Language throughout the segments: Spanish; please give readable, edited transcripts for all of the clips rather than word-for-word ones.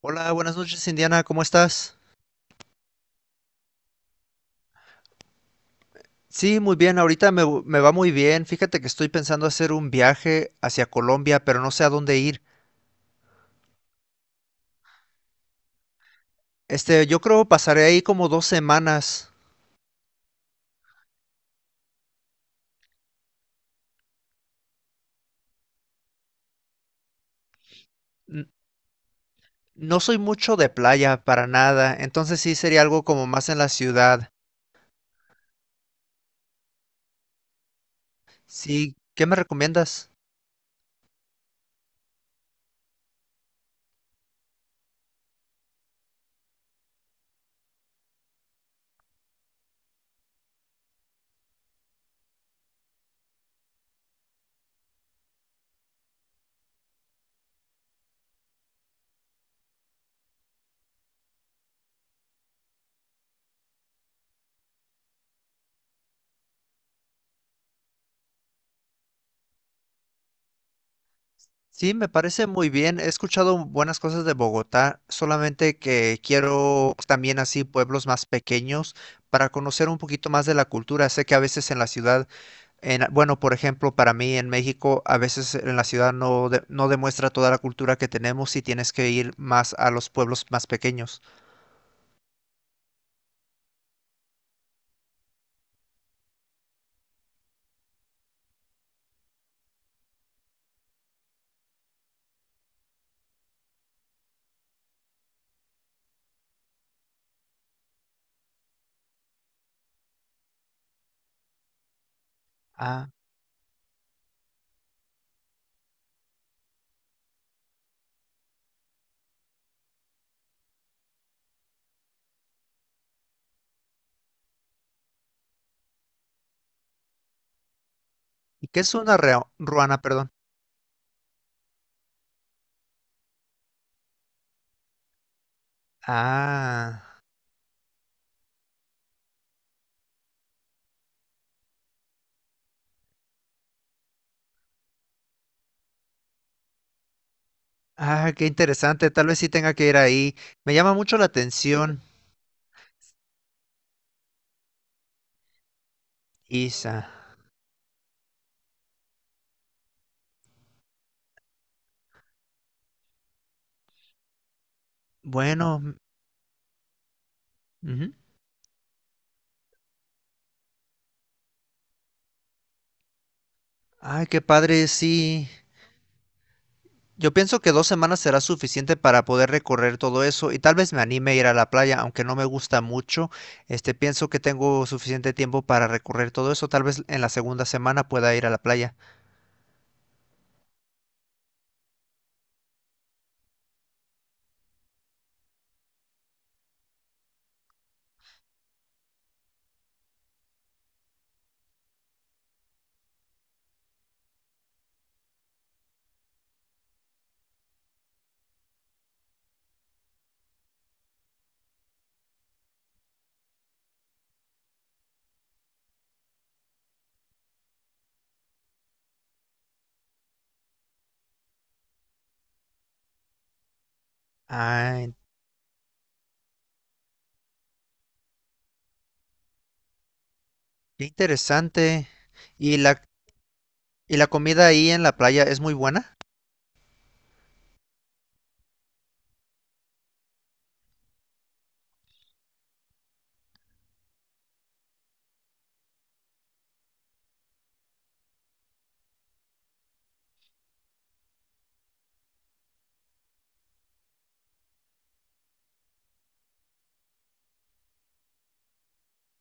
Hola, buenas noches, Indiana, ¿cómo estás? Sí, muy bien, ahorita me va muy bien. Fíjate que estoy pensando hacer un viaje hacia Colombia, pero no sé a dónde ir. Yo creo pasaré ahí como 2 semanas. N- No soy mucho de playa para nada, entonces sí sería algo como más en la ciudad. Sí, ¿qué me recomiendas? Sí, me parece muy bien. He escuchado buenas cosas de Bogotá, solamente que quiero también así pueblos más pequeños para conocer un poquito más de la cultura. Sé que a veces en la ciudad en, bueno, por ejemplo, para mí en México, a veces en la ciudad no, no demuestra toda la cultura que tenemos y tienes que ir más a los pueblos más pequeños. Ah, ¿y qué es una ruana, perdón? Ah, ah, qué interesante. Tal vez sí tenga que ir ahí. Me llama mucho la atención, Isa. Bueno, mm, ujú. Ay, qué padre, sí. Yo pienso que 2 semanas será suficiente para poder recorrer todo eso y tal vez me anime a ir a la playa, aunque no me gusta mucho. Pienso que tengo suficiente tiempo para recorrer todo eso. Tal vez en la segunda semana pueda ir a la playa. Ah, qué interesante. ¿Y y la comida ahí en la playa es muy buena?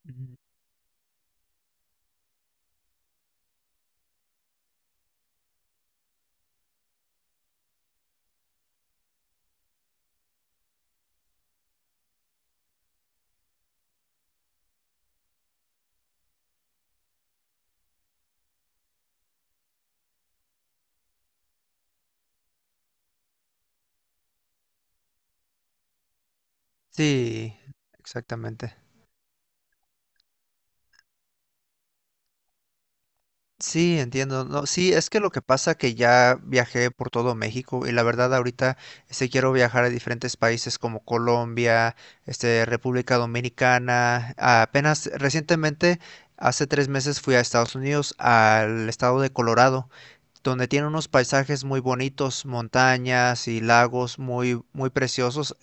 Ujú. Sí, exactamente. Sí, entiendo. No, sí, es que lo que pasa que ya viajé por todo México y la verdad ahorita quiero viajar a diferentes países como Colombia, República Dominicana. Ah, apenas recientemente, hace 3 meses fui a Estados Unidos, al estado de Colorado, donde tiene unos paisajes muy bonitos, montañas y lagos muy muy preciosos.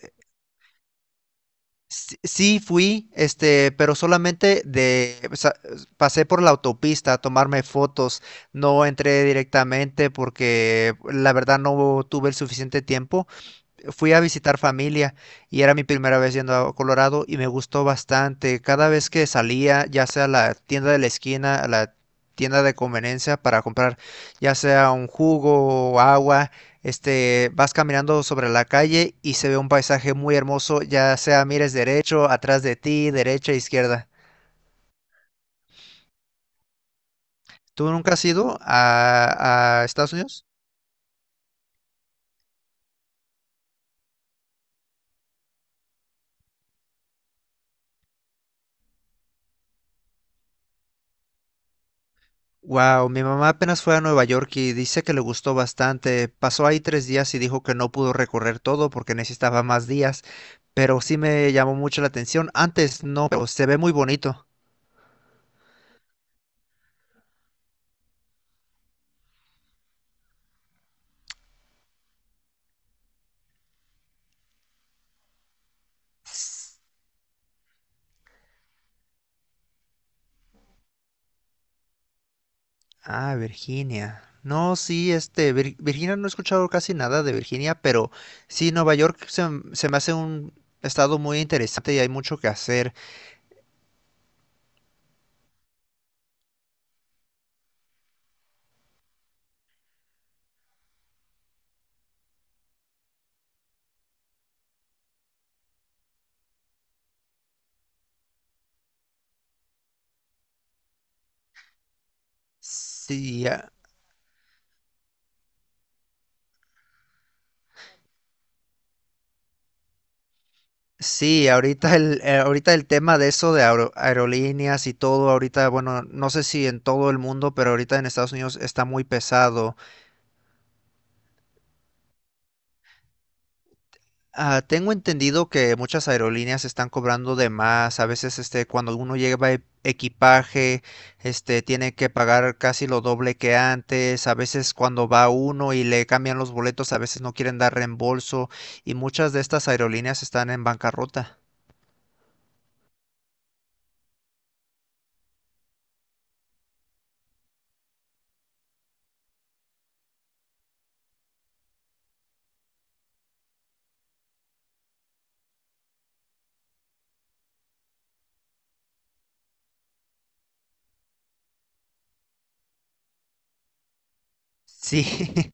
Sí, sí fui, pero solamente de, o sea, pasé por la autopista a tomarme fotos, no entré directamente porque la verdad no tuve el suficiente tiempo fui a visitar familia y era mi primera vez yendo a Colorado y me gustó bastante. Cada vez que salía, ya sea a la tienda de la esquina, a la tienda de conveniencia para comprar ya sea un jugo o agua, vas caminando sobre la calle y se ve un paisaje muy hermoso, ya sea mires derecho, atrás de ti, derecha, izquierda. ¿Tú nunca has ido a Estados Unidos? Wow, mi mamá apenas fue a Nueva York y dice que le gustó bastante. Pasó ahí 3 días y dijo que no pudo recorrer todo porque necesitaba más días, pero sí me llamó mucho la atención. Antes no, pero se ve muy bonito. Ah, Virginia. No, sí, este, Virginia no he escuchado casi nada de Virginia, pero sí, Nueva York se me hace un estado muy interesante y hay mucho que hacer. Sí, ah. Sí, ahorita el tema de eso de aerolíneas y todo, ahorita, bueno, no sé si en todo el mundo, pero ahorita en Estados Unidos está muy pesado. Ah, tengo entendido que muchas aerolíneas están cobrando de más. A veces, cuando uno lleva equipaje, tiene que pagar casi lo doble que antes. A veces cuando va uno y le cambian los boletos, a veces no quieren dar reembolso y muchas de estas aerolíneas están en bancarrota. Sí,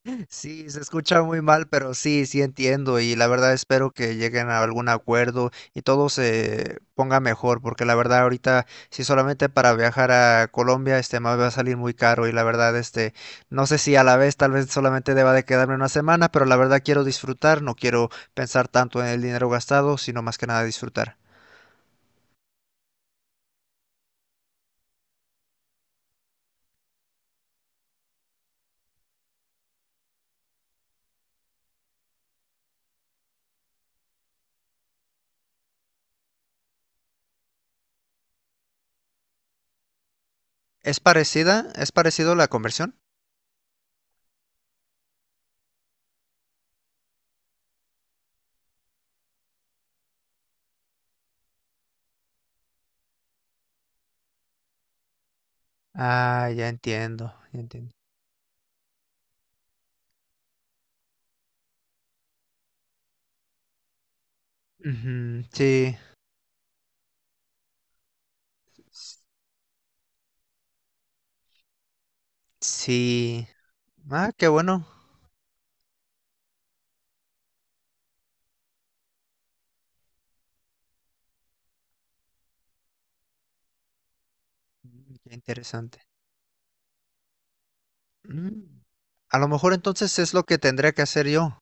sí, se escucha muy mal, pero sí, sí entiendo y la verdad espero que lleguen a algún acuerdo y todo se ponga mejor, porque la verdad ahorita si solamente para viajar a Colombia me va a salir muy caro y la verdad no sé si a la vez tal vez solamente deba de quedarme una semana, pero la verdad quiero disfrutar, no quiero pensar tanto en el dinero gastado, sino más que nada disfrutar. ¿Es parecida? ¿Es parecido la conversión? Ah, ya entiendo, ya entiendo. Ujú, sí, sí. Ah, qué bueno, qué interesante. Mm, A lo mejor entonces es lo que tendría que hacer yo.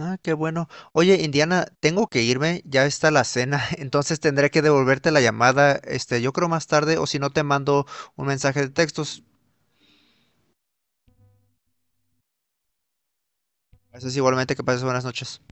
Ah, qué bueno. Oye, Indiana, tengo que irme, ya está la cena, entonces tendré que devolverte la llamada, yo creo más tarde, o si no te mando un mensaje de textos. Haces igualmente que pases buenas noches.